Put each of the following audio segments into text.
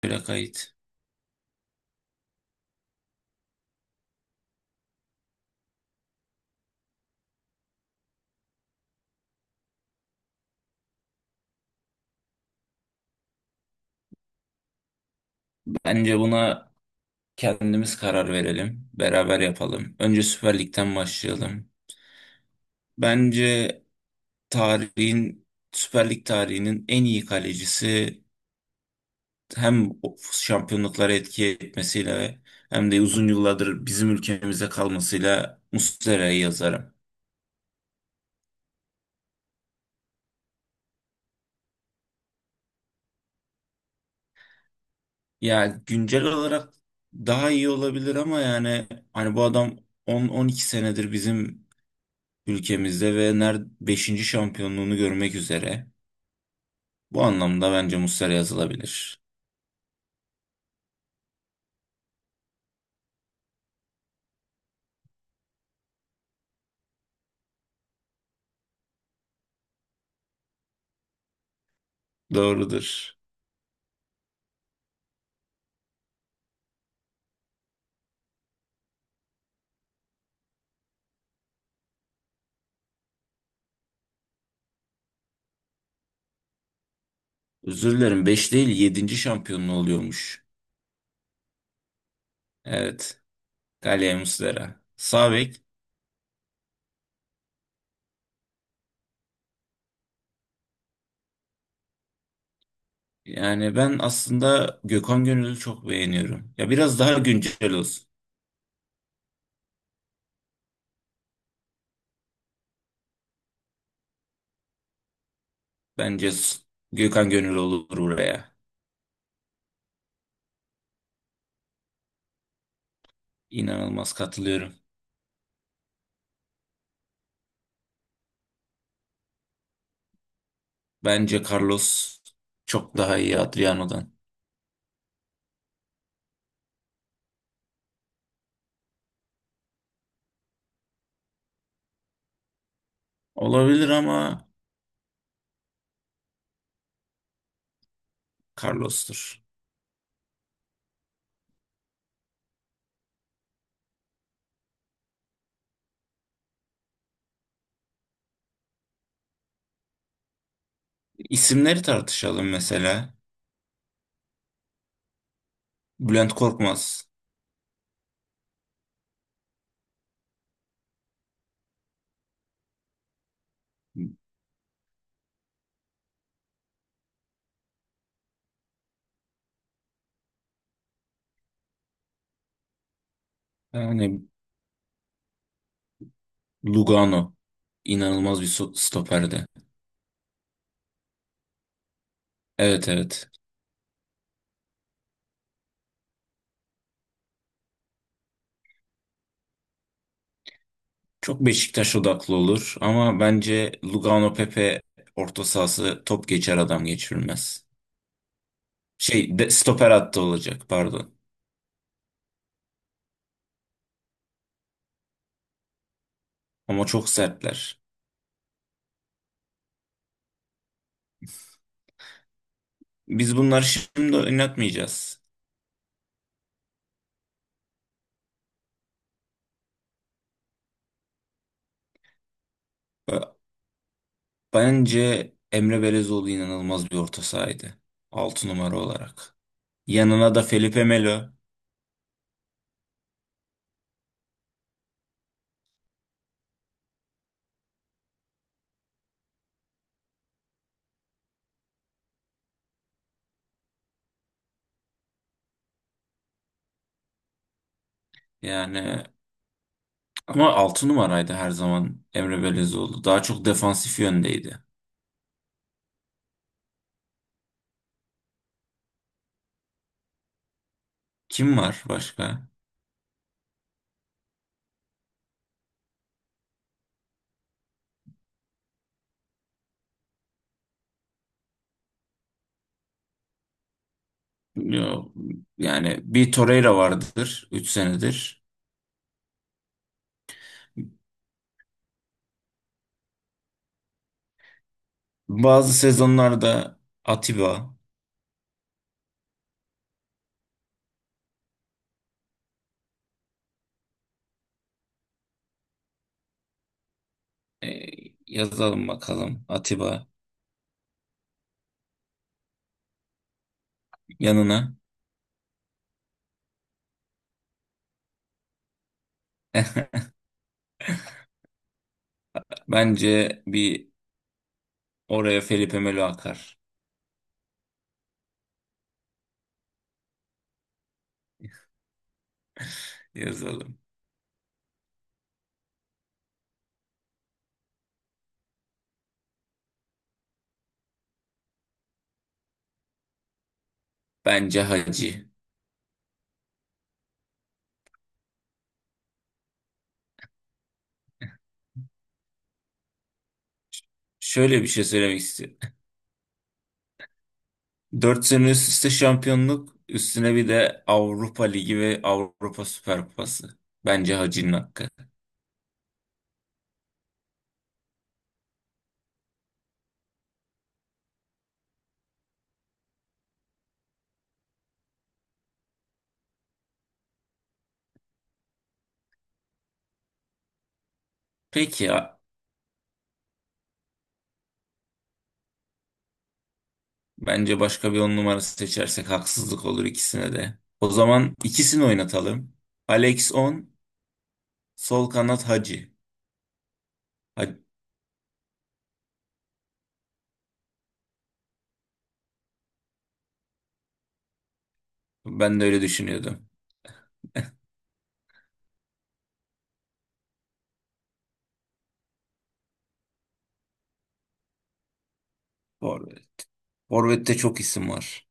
plakaydı. Bence buna kendimiz karar verelim. Beraber yapalım. Önce Süper Lig'den başlayalım. Bence tarihin Süper Lig tarihinin en iyi kalecisi hem o şampiyonluklara etki etmesiyle hem de uzun yıllardır bizim ülkemizde kalmasıyla Muslera'yı yazarım. Ya güncel olarak daha iyi olabilir ama yani hani bu adam 10-12 senedir bizim ülkemizde ve beşinci şampiyonluğunu görmek üzere. Bu anlamda bence Muslera yazılabilir. Doğrudur. Özür dilerim, 5. değil yedinci şampiyonluğu oluyormuş. Evet. Galia Muslera. Sağ bek. Yani ben aslında Gökhan Gönül'ü çok beğeniyorum. Ya biraz daha güncel olsun. Bence s- Gökhan Gönül olur buraya. İnanılmaz katılıyorum. Bence Carlos çok daha iyi Adriano'dan. Olabilir ama Carlos'tur. İsimleri tartışalım mesela. Bülent Korkmaz. Yani Lugano. İnanılmaz bir stoperdi. Evet, evet. Çok Beşiktaş odaklı olur ama bence Lugano Pepe orta sahası top geçer adam geçirilmez. Stoper hattı olacak, pardon. Ama çok sertler. Biz bunları şimdi oynatmayacağız. Bence Emre Belezoğlu inanılmaz bir orta sahaydı, 6 numara olarak. Yanına da Felipe Melo. Yani ama 6 numaraydı her zaman Emre Belezoğlu. Daha çok defansif yöndeydi. Kim var başka? Yo, yani bir Torreira vardır 3 senedir. Bazı sezonlarda Atiba, e, yazalım bakalım Atiba yanına. Bence bir oraya Felipe Melo akar, yazalım. Bence Hacı. Şöyle bir şey söylemek istiyorum. 4 sene üst üste şampiyonluk, üstüne bir de Avrupa Ligi ve Avrupa Süper Kupası. Bence Hacı'nın hakkı. Peki ya, bence başka bir 10 numarası seçersek haksızlık olur ikisine de. O zaman ikisini oynatalım. Alex 10, sol kanat Hacı. Ha- Ben de öyle düşünüyordum. Forvet. Forvet'te çok isim var.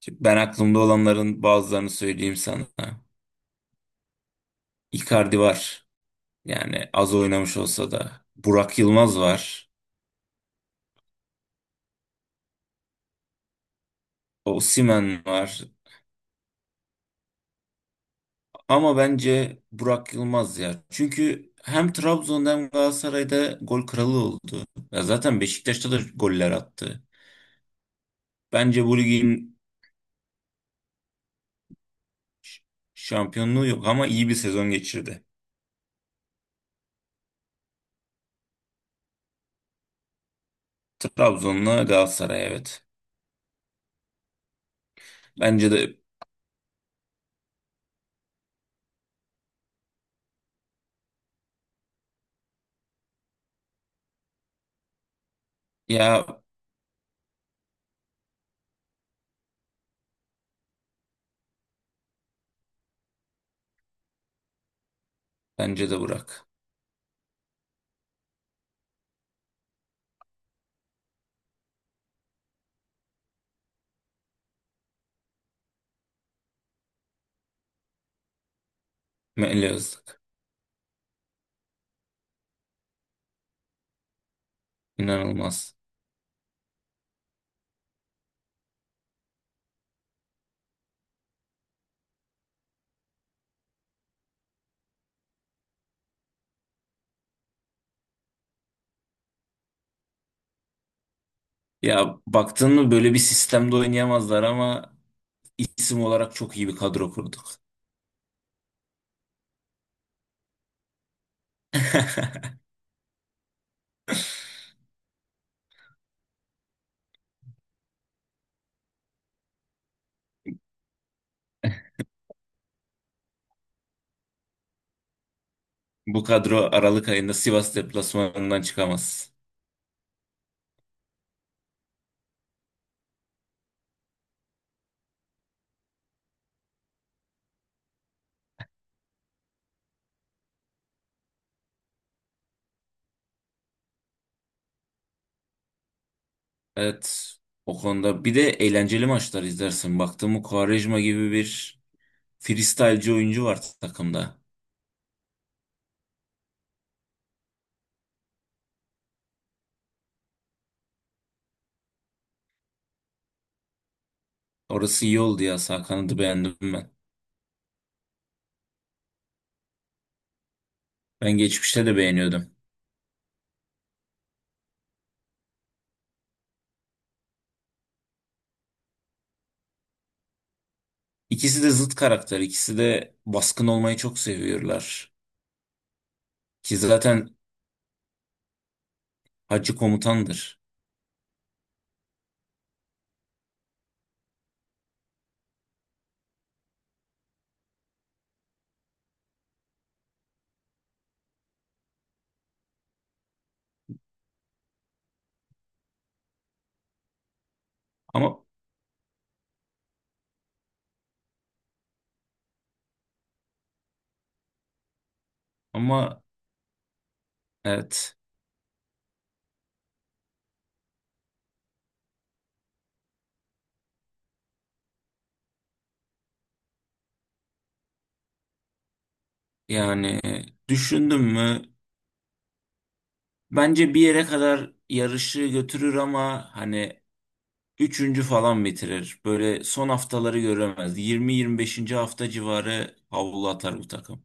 Şimdi ben aklımda olanların bazılarını söyleyeyim sana. Icardi var. Yani az oynamış olsa da. Burak Yılmaz var. Osimhen var. Ama bence Burak Yılmaz ya. Çünkü hem Trabzon'da hem Galatasaray'da gol kralı oldu. Ya zaten Beşiktaş'ta da goller attı. Bence bu ligin şampiyonluğu yok ama iyi bir sezon geçirdi. Trabzon'la Galatasaray, evet. Bence de ya bence de Burak. Meli Öztürk. İnanılmaz. Ya baktın mı, böyle bir sistemde oynayamazlar ama isim olarak çok iyi bir kadro kurduk. Bu kadro Aralık ayında Sivas deplasmanından çıkamaz. Evet, o konuda bir de eğlenceli maçlar izlersin. Baktım Quaresma gibi bir freestyle'ci oyuncu var takımda. Orası iyi oldu ya, sağ kanadı beğendim ben. Ben geçmişte de beğeniyordum. İkisi de zıt karakter. İkisi de baskın olmayı çok seviyorlar. Ki zaten Hacı komutandır. Ama ama evet, yani düşündüm mü, bence bir yere kadar yarışı götürür ama hani üçüncü falan bitirir. Böyle son haftaları göremez. Yirmi yirmi beşinci hafta civarı havlu atar bu takım.